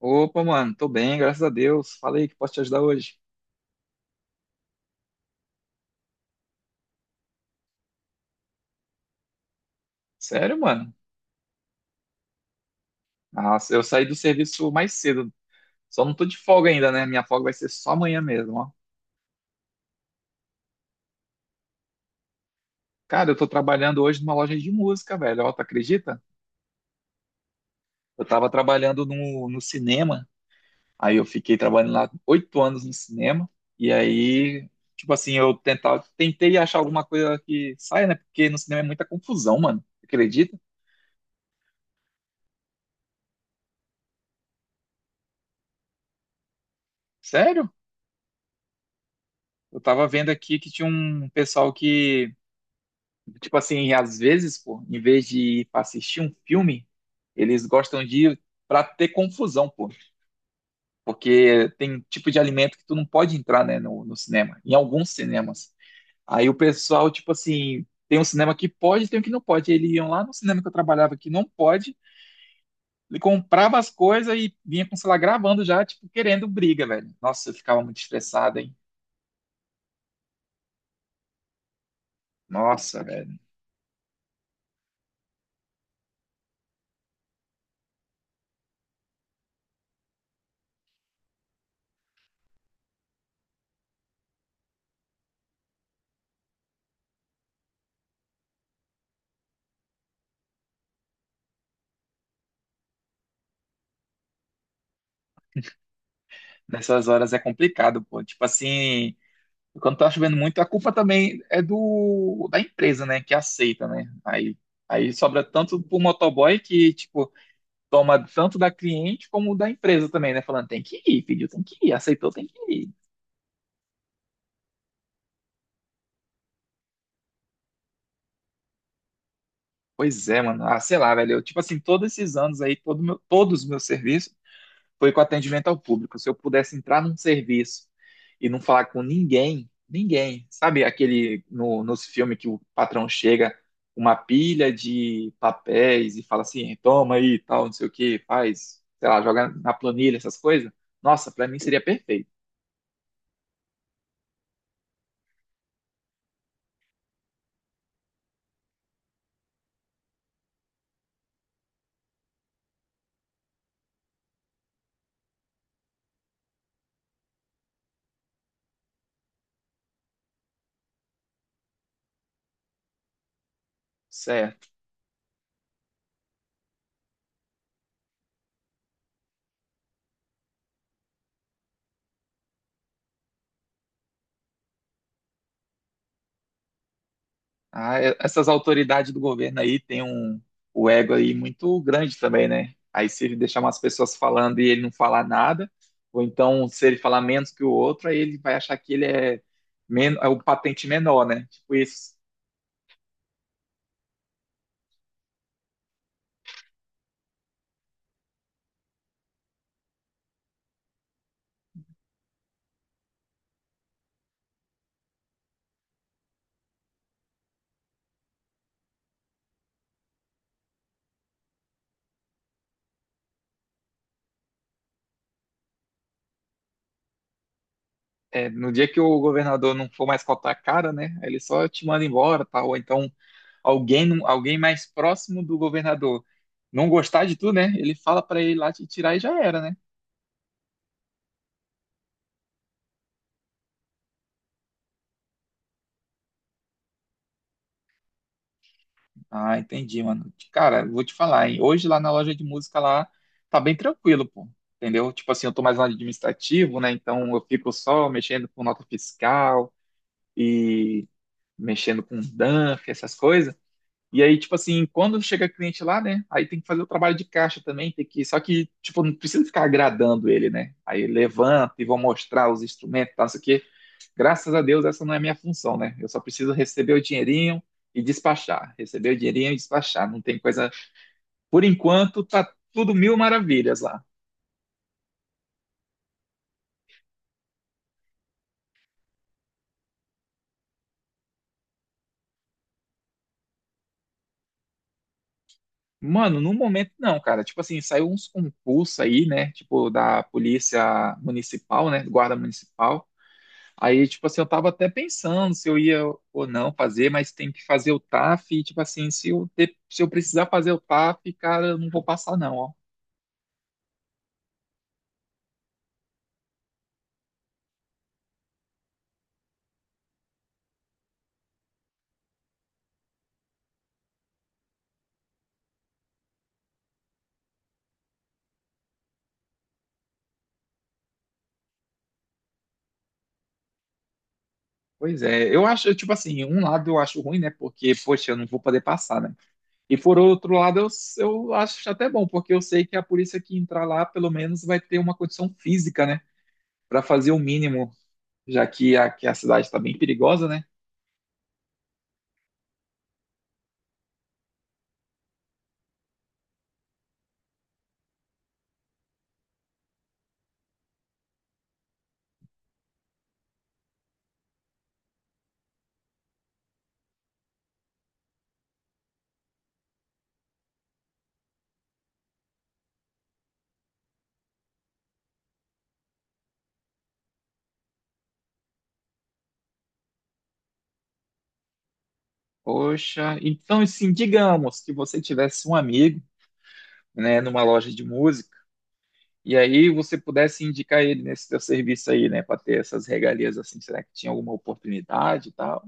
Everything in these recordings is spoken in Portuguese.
Opa, mano, tô bem, graças a Deus. Falei que posso te ajudar hoje. Sério, mano? Nossa, eu saí do serviço mais cedo. Só não tô de folga ainda, né? Minha folga vai ser só amanhã mesmo, ó. Cara, eu tô trabalhando hoje numa loja de música, velho. Ó, tu acredita? Eu tava trabalhando no cinema. Aí eu fiquei trabalhando lá 8 anos no cinema. E aí, tipo assim, eu tentava, tentei achar alguma coisa que saia, né? Porque no cinema é muita confusão, mano. Acredita? Sério? Eu tava vendo aqui que tinha um pessoal que... Tipo assim, às vezes, pô, em vez de ir pra assistir um filme, eles gostam de ir pra ter confusão, pô. Porque tem tipo de alimento que tu não pode entrar, né, no cinema, em alguns cinemas. Aí o pessoal, tipo assim, tem um cinema que pode, tem um que não pode. Eles iam lá no cinema que eu trabalhava que não pode, ele comprava as coisas e vinha com o celular gravando já, tipo, querendo briga, velho. Nossa, eu ficava muito estressado, hein? Nossa, velho. Nessas horas é complicado, pô. Tipo assim. E quando tá chovendo muito, a culpa também é do da empresa, né, que aceita, né? Aí aí sobra tanto pro motoboy que tipo toma tanto da cliente como da empresa também, né, falando tem que ir, pediu, tem que ir, aceitou, tem que ir. Pois é, mano. Ah, sei lá, velho. Eu, tipo assim, todos esses anos aí, todos os meus serviços foi com atendimento ao público. Se eu pudesse entrar num serviço e não falar com ninguém, ninguém, sabe aquele no, nos filmes que o patrão chega uma pilha de papéis e fala assim, toma aí, tal, não sei o que, faz, sei lá, joga na planilha, essas coisas. Nossa, para mim seria perfeito. Certo. Ah, essas autoridades do governo aí têm um, o ego aí muito grande também, né? Aí se ele deixar umas pessoas falando e ele não falar nada, ou então se ele falar menos que o outro, aí ele vai achar que ele é, men é o patente menor, né? Tipo isso. É, no dia que o governador não for mais cotar a cara, né? Aí ele só te manda embora, tá? Ou então alguém, não- alguém mais próximo do governador não gostar de tu, né? Ele fala pra ele lá te tirar e já era, né? Ah, entendi, mano. Cara, vou te falar, hein? Hoje lá na loja de música lá tá bem tranquilo, pô. Entendeu? Tipo assim, eu tô mais no administrativo, né? Então eu fico só mexendo com nota fiscal e mexendo com DANF, essas coisas. E aí, tipo assim, quando chega cliente lá, né? Aí tem que fazer o trabalho de caixa também, só que, tipo, não precisa ficar agradando ele, né? Aí levanta e vou mostrar os instrumentos, tá, não sei o quê. Graças a Deus, essa não é a minha função, né? Eu só preciso receber o dinheirinho e despachar. Receber o dinheirinho e despachar. Não tem coisa. Por enquanto, tá tudo mil maravilhas lá. Mano, no momento não, cara. Tipo assim, saiu uns concursos aí, né? Tipo, da polícia municipal, né? Guarda municipal. Aí, tipo assim, eu tava até pensando se eu ia ou não fazer, mas tem que fazer o TAF. E, tipo assim, se eu precisar fazer o TAF, cara, eu não vou passar, não, ó. Pois é, eu acho, tipo assim, um lado eu acho ruim, né? Porque, poxa, eu não vou poder passar, né? E por outro lado, eu acho até bom, porque eu sei que a polícia que entrar lá, pelo menos, vai ter uma condição física, né? Para fazer o mínimo, já que a cidade está bem perigosa, né? Poxa, então, assim, digamos que você tivesse um amigo, né, numa loja de música, e aí você pudesse indicar ele nesse teu serviço aí, né, para ter essas regalias, assim, será que tinha alguma oportunidade e tal?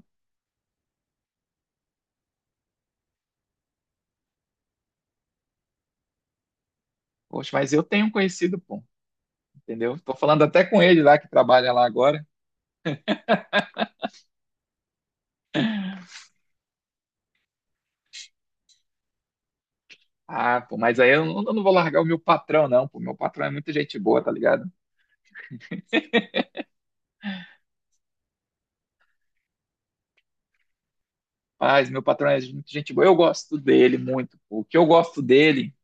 Poxa, mas eu tenho um conhecido, pô. Entendeu? Tô falando até com ele lá que trabalha lá agora. Ah, pô, mas aí eu não vou largar o meu patrão, não, pô. Meu patrão é muita gente boa, tá ligado? Mas meu patrão é muita gente boa. Eu gosto dele muito, pô. O que eu gosto dele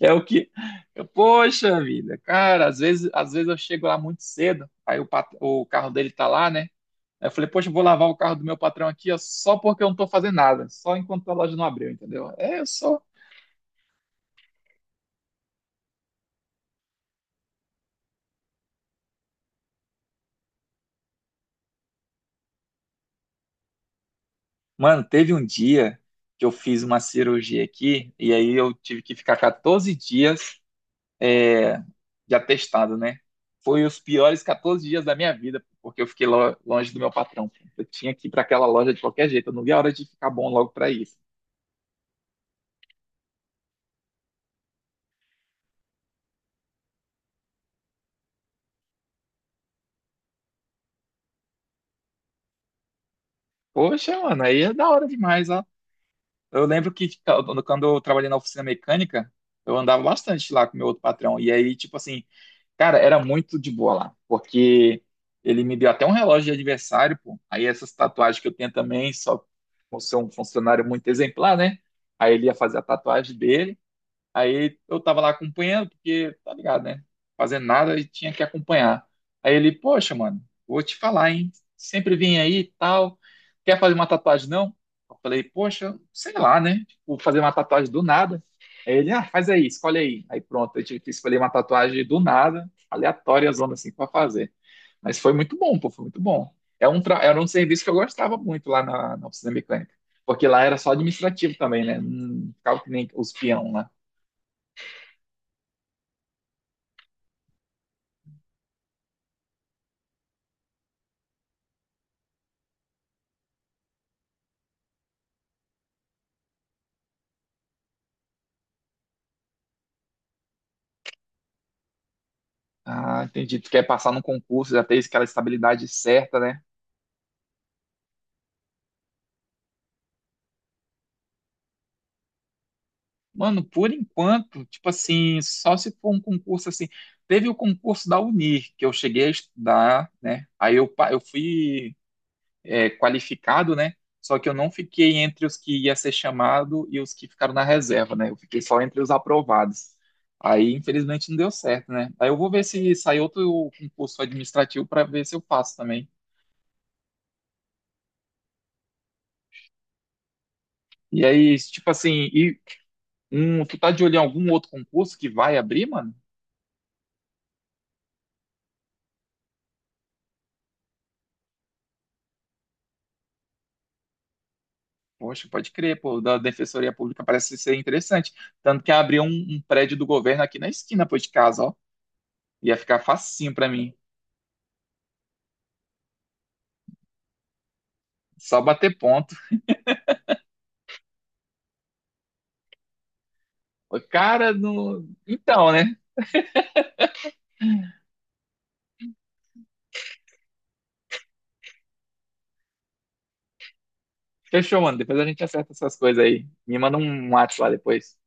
é o que. Eu, poxa vida, cara, às vezes eu chego lá muito cedo, aí o carro dele tá lá, né? Aí eu falei, poxa, eu vou lavar o carro do meu patrão aqui, ó, só porque eu não tô fazendo nada, só enquanto a loja não abriu, entendeu? É, eu sou... Mano, teve um dia que eu fiz uma cirurgia aqui e aí eu tive que ficar 14 dias de atestado, né? Foi os piores 14 dias da minha vida, porque eu fiquei longe do meu patrão. Eu tinha que ir para aquela loja de qualquer jeito, eu não vi a hora de ficar bom logo para isso. Poxa, mano, aí é da hora demais, ó. Eu lembro que tipo, quando eu trabalhei na oficina mecânica, eu andava bastante lá com meu outro patrão. E aí, tipo assim, cara, era muito de boa lá, porque ele me deu até um relógio de aniversário, pô. Aí essas tatuagens que eu tenho também, só por ser um funcionário muito exemplar, né? Aí ele ia fazer a tatuagem dele. Aí eu tava lá acompanhando, porque, tá ligado, né? Fazendo nada e tinha que acompanhar. Aí ele, poxa, mano, vou te falar, hein? Sempre vim aí e tal. Quer fazer uma tatuagem, não? Eu falei, poxa, sei lá, né? Vou fazer uma tatuagem do nada. Aí ele, ah, faz aí, escolhe aí. Aí pronto, eu tive que escolher uma tatuagem do nada, aleatória, zona assim, pra fazer. Mas foi muito bom, pô, foi muito bom. Era um serviço que eu gostava muito lá na oficina mecânica. Porque lá era só administrativo também, né? Não ficava que nem os peão lá. Ah, entendi. Tu quer passar no concurso, já ter aquela estabilidade certa, né? Mano, por enquanto, tipo assim, só se for um concurso assim. Teve o concurso da Unir, que eu cheguei a estudar, né? Aí eu, eu fui é, qualificado, né? Só que eu não fiquei entre os que ia ser chamado e os que ficaram na reserva, né? Eu fiquei só entre os aprovados. Aí, infelizmente, não deu certo, né? Aí eu vou ver se sai outro concurso administrativo para ver se eu faço também. E aí, tipo assim, e... tu tá de olho em algum outro concurso que vai abrir, mano? Poxa, pode crer, pô, da Defensoria Pública parece ser interessante. Tanto que abriu um, um prédio do governo aqui na esquina, pô, de casa, ó. Ia ficar facinho pra mim. Só bater ponto. Ô, cara, no... então, né? Fechou, mano. Depois a gente acerta essas coisas aí. Me manda um WhatsApp lá depois.